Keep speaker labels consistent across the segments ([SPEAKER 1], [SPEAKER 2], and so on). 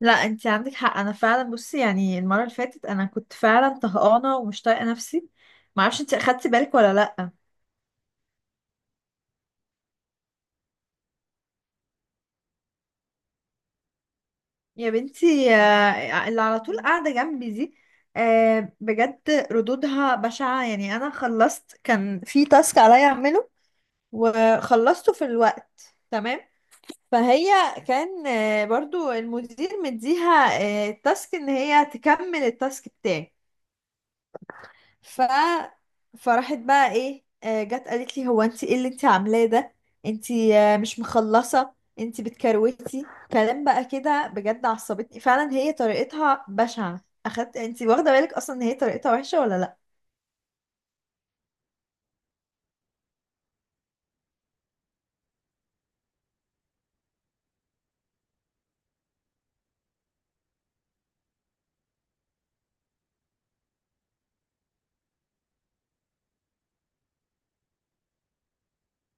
[SPEAKER 1] لا، انت عندك حق. انا فعلا، بصي يعني المره اللي فاتت انا كنت فعلا طهقانه ومش طايقه نفسي. ما اعرفش انت اخدتي بالك ولا لا. يا بنتي، اللي على طول قاعده جنبي دي، بجد، ردودها بشعه. يعني انا خلصت، كان في تاسك عليا اعمله وخلصته في الوقت تمام. فهي كان برضو المدير مديها التاسك، ان هي تكمل التاسك بتاعي. ف فراحت بقى ايه، جت قالت لي: هو انت ايه اللي انت عاملاه ده؟ انت مش مخلصه، انت بتكروتي. كلام بقى كده بجد عصبتني. فعلا هي طريقتها بشعه. انت واخده بالك اصلا ان هي طريقتها وحشه ولا لا؟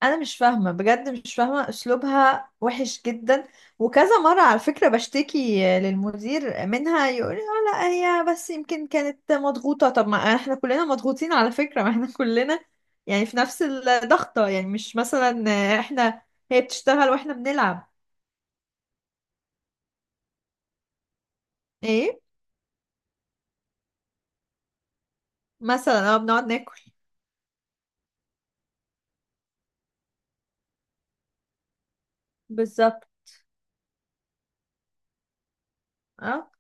[SPEAKER 1] انا مش فاهمه، بجد مش فاهمه، اسلوبها وحش جدا. وكذا مره على فكره بشتكي للمدير منها يقول لي: اه لا، هي بس يمكن كانت مضغوطه. طب ما احنا كلنا مضغوطين على فكره، ما احنا كلنا يعني في نفس الضغطه. يعني مش مثلا احنا هي بتشتغل واحنا بنلعب. ايه؟ مثلا بنقعد ناكل. بالظبط. اه،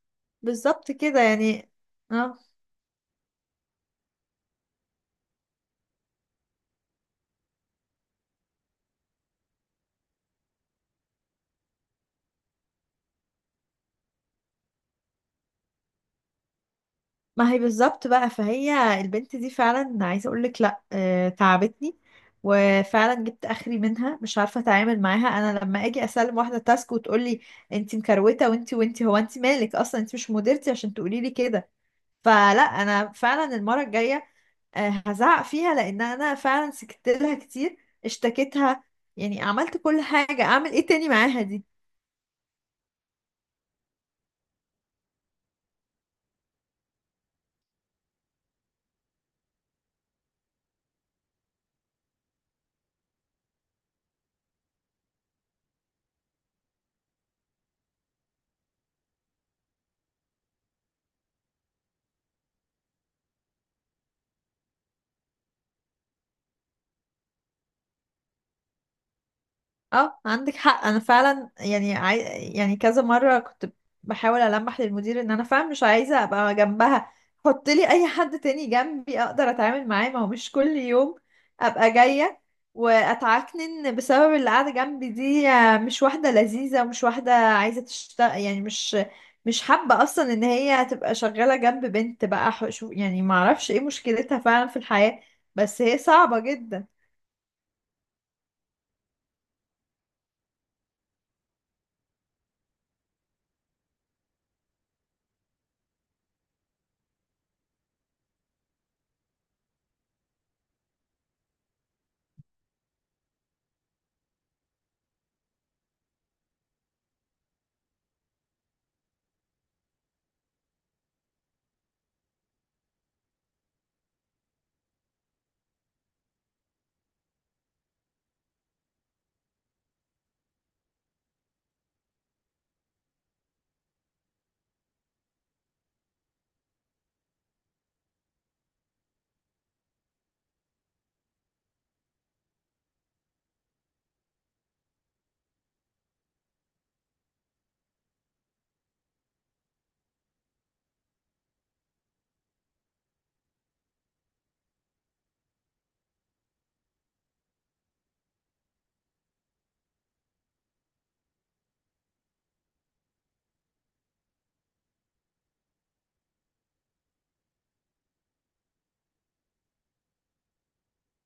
[SPEAKER 1] بالظبط كده يعني. اه. ما هي بالظبط بقى. فهي البنت دي فعلا عايزه اقول لك، لا تعبتني. وفعلا جبت اخري منها، مش عارفه اتعامل معاها. انا لما اجي اسلم واحده تاسك وتقول لي: انت مكروته وانت. هو انت مالك اصلا؟ انت مش مديرتي عشان تقولي لي كده. فلا، انا فعلا المره الجايه هزعق فيها، لان انا فعلا سكت لها كتير، اشتكيتها، يعني عملت كل حاجه. اعمل ايه تاني معاها دي؟ اه عندك حق. انا فعلا يعني يعني كذا مره كنت بحاول المح للمدير ان انا فعلا مش عايزه ابقى جنبها. حط لي اي حد تاني جنبي اقدر اتعامل معاه. ما هو مش كل يوم ابقى جايه واتعكنن بسبب اللي قاعده جنبي دي. مش واحده لذيذه ومش واحده عايزه تشتغل، يعني مش مش حابه اصلا ان هي تبقى شغاله جنب بنت بقى. شو يعني، ما اعرفش ايه مشكلتها فعلا في الحياه، بس هي صعبه جدا.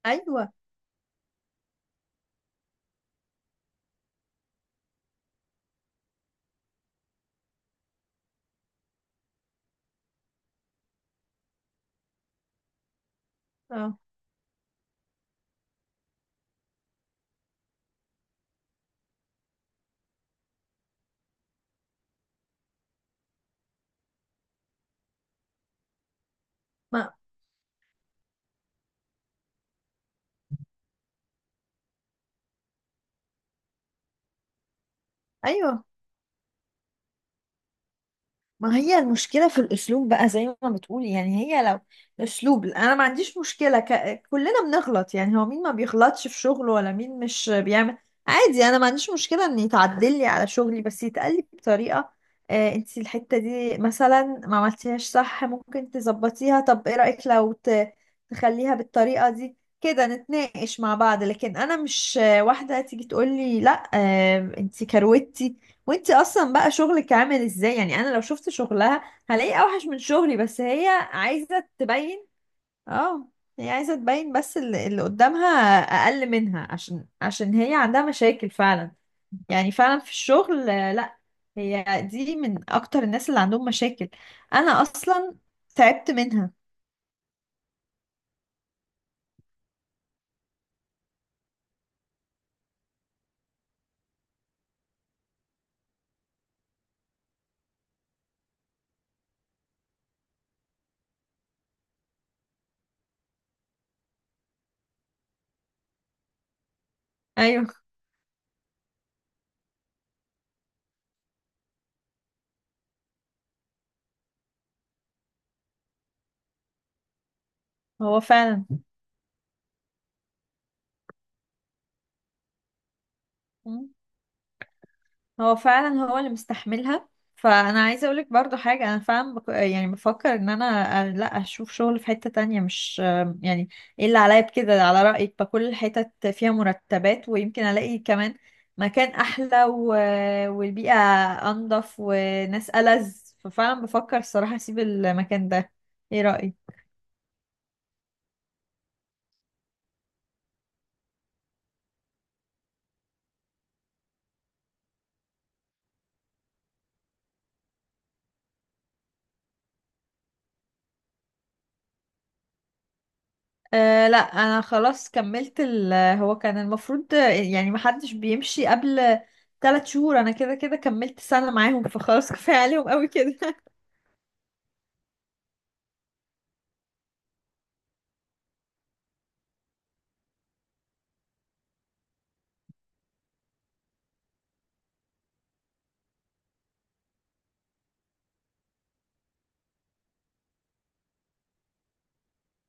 [SPEAKER 1] ايوه. اه ما ايوه، ما هي المشكلة في الأسلوب بقى زي ما بتقولي. يعني هي لو الأسلوب، أنا ما عنديش مشكلة. كلنا بنغلط. يعني هو مين ما بيغلطش في شغله، ولا مين مش بيعمل؟ عادي. أنا ما عنديش مشكلة إن يتعدل لي على شغلي، بس يتقال لي بطريقة. آه، أنت الحتة دي مثلا ما عملتيهاش صح، ممكن تظبطيها. طب إيه رأيك لو تخليها بالطريقة دي كده، نتناقش مع بعض. لكن أنا مش واحدة تيجي تقول لي: لا آه، أنت كروتي وانتي اصلا بقى شغلك عامل ازاي؟ يعني انا لو شفت شغلها هلاقي اوحش من شغلي، بس هي عايزة تبين. اه. هي عايزة تبين بس اللي قدامها اقل منها. عشان هي عندها مشاكل فعلا، يعني فعلا في الشغل. لا، هي دي من اكتر الناس اللي عندهم مشاكل. انا اصلا تعبت منها. ايوه. هو فعلا. هو فعلا هو اللي مستحملها. فانا عايزه اقولك برضو حاجه، انا فعلا يعني بفكر ان انا لا، اشوف شغل في حته تانية مش يعني، ايه اللي عليا بكده؟ على رايك بكل الحتت فيها مرتبات، ويمكن الاقي كمان مكان احلى والبيئه انضف وناس ألذ. ففعلا بفكر الصراحه اسيب المكان ده. ايه رايك؟ أه لا، انا خلاص كملت هو كان المفروض يعني محدش بيمشي قبل 3 شهور. انا كده كده كملت سنة معاهم، فخلاص كفاية عليهم قوي كده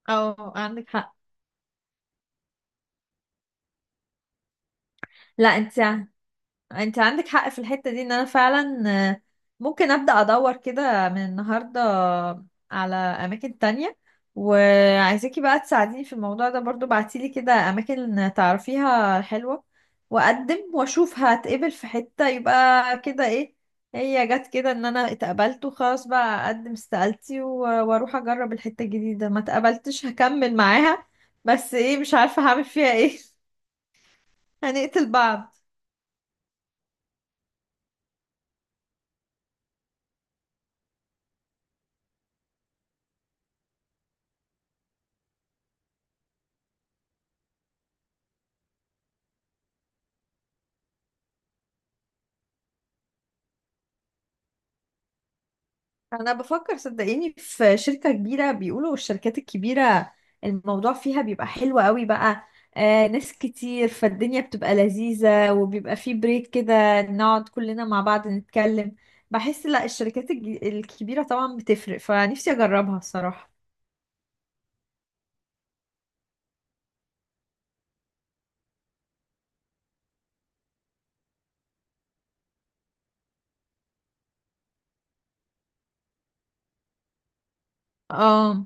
[SPEAKER 1] اه عندك حق. لا انت انت عندك حق في الحتة دي ان انا فعلا آه، ممكن ابدأ ادور كده من النهاردة على اماكن تانية. وعايزاكي بقى تساعديني في الموضوع ده برضو، بعتيلي كده اماكن تعرفيها حلوة واقدم واشوف. هتقبل في حتة يبقى كده ايه، هي جت كده ان انا اتقبلت وخلاص بقى اقدم استقالتي واروح اجرب الحتة الجديدة. ما اتقبلتش هكمل معاها، بس ايه مش عارفة هعمل فيها ايه هنقتل بعض. انا بفكر صدقيني في شركة كبيرة، بيقولوا الشركات الكبيرة الموضوع فيها بيبقى حلو قوي بقى. ناس كتير فالدنيا بتبقى لذيذة، وبيبقى فيه بريك كده نقعد كلنا مع بعض نتكلم. بحس لا، الشركات الكبيرة طبعا بتفرق، فنفسي اجربها الصراحة. اه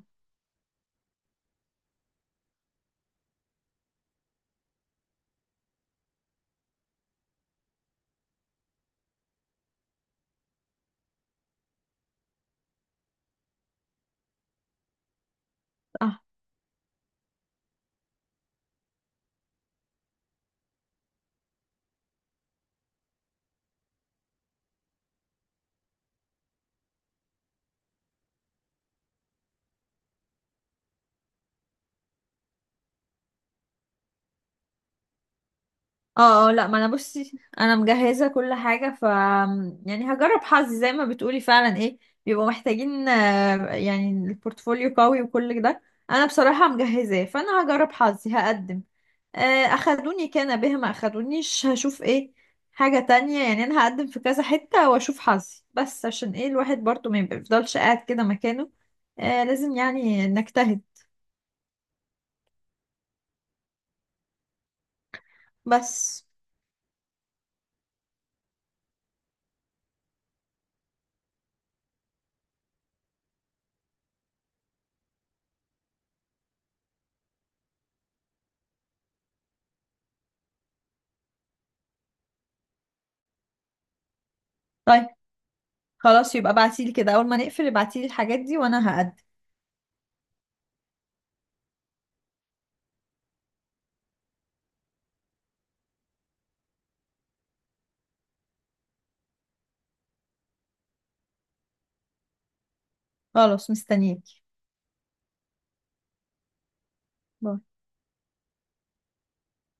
[SPEAKER 1] اه اه، لا، ما انا، بصي انا مجهزه كل حاجه، يعني هجرب حظي زي ما بتقولي فعلا. ايه بيبقوا محتاجين، يعني البورتفوليو قوي وكل ده، انا بصراحه مجهزاه. فانا هجرب حظي هقدم. اخدوني كان بها، ما اخدونيش هشوف ايه حاجه تانية. يعني انا هقدم في كذا حته واشوف حظي، بس عشان ايه، الواحد برضو ما يفضلش قاعد كده مكانه. لازم يعني نجتهد. بس. طيب. خلاص يبقى ابعتيلي كده، اول ما نقفل ابعتيلي الحاجات دي وانا هقدم. خلاص مستنيك. باي.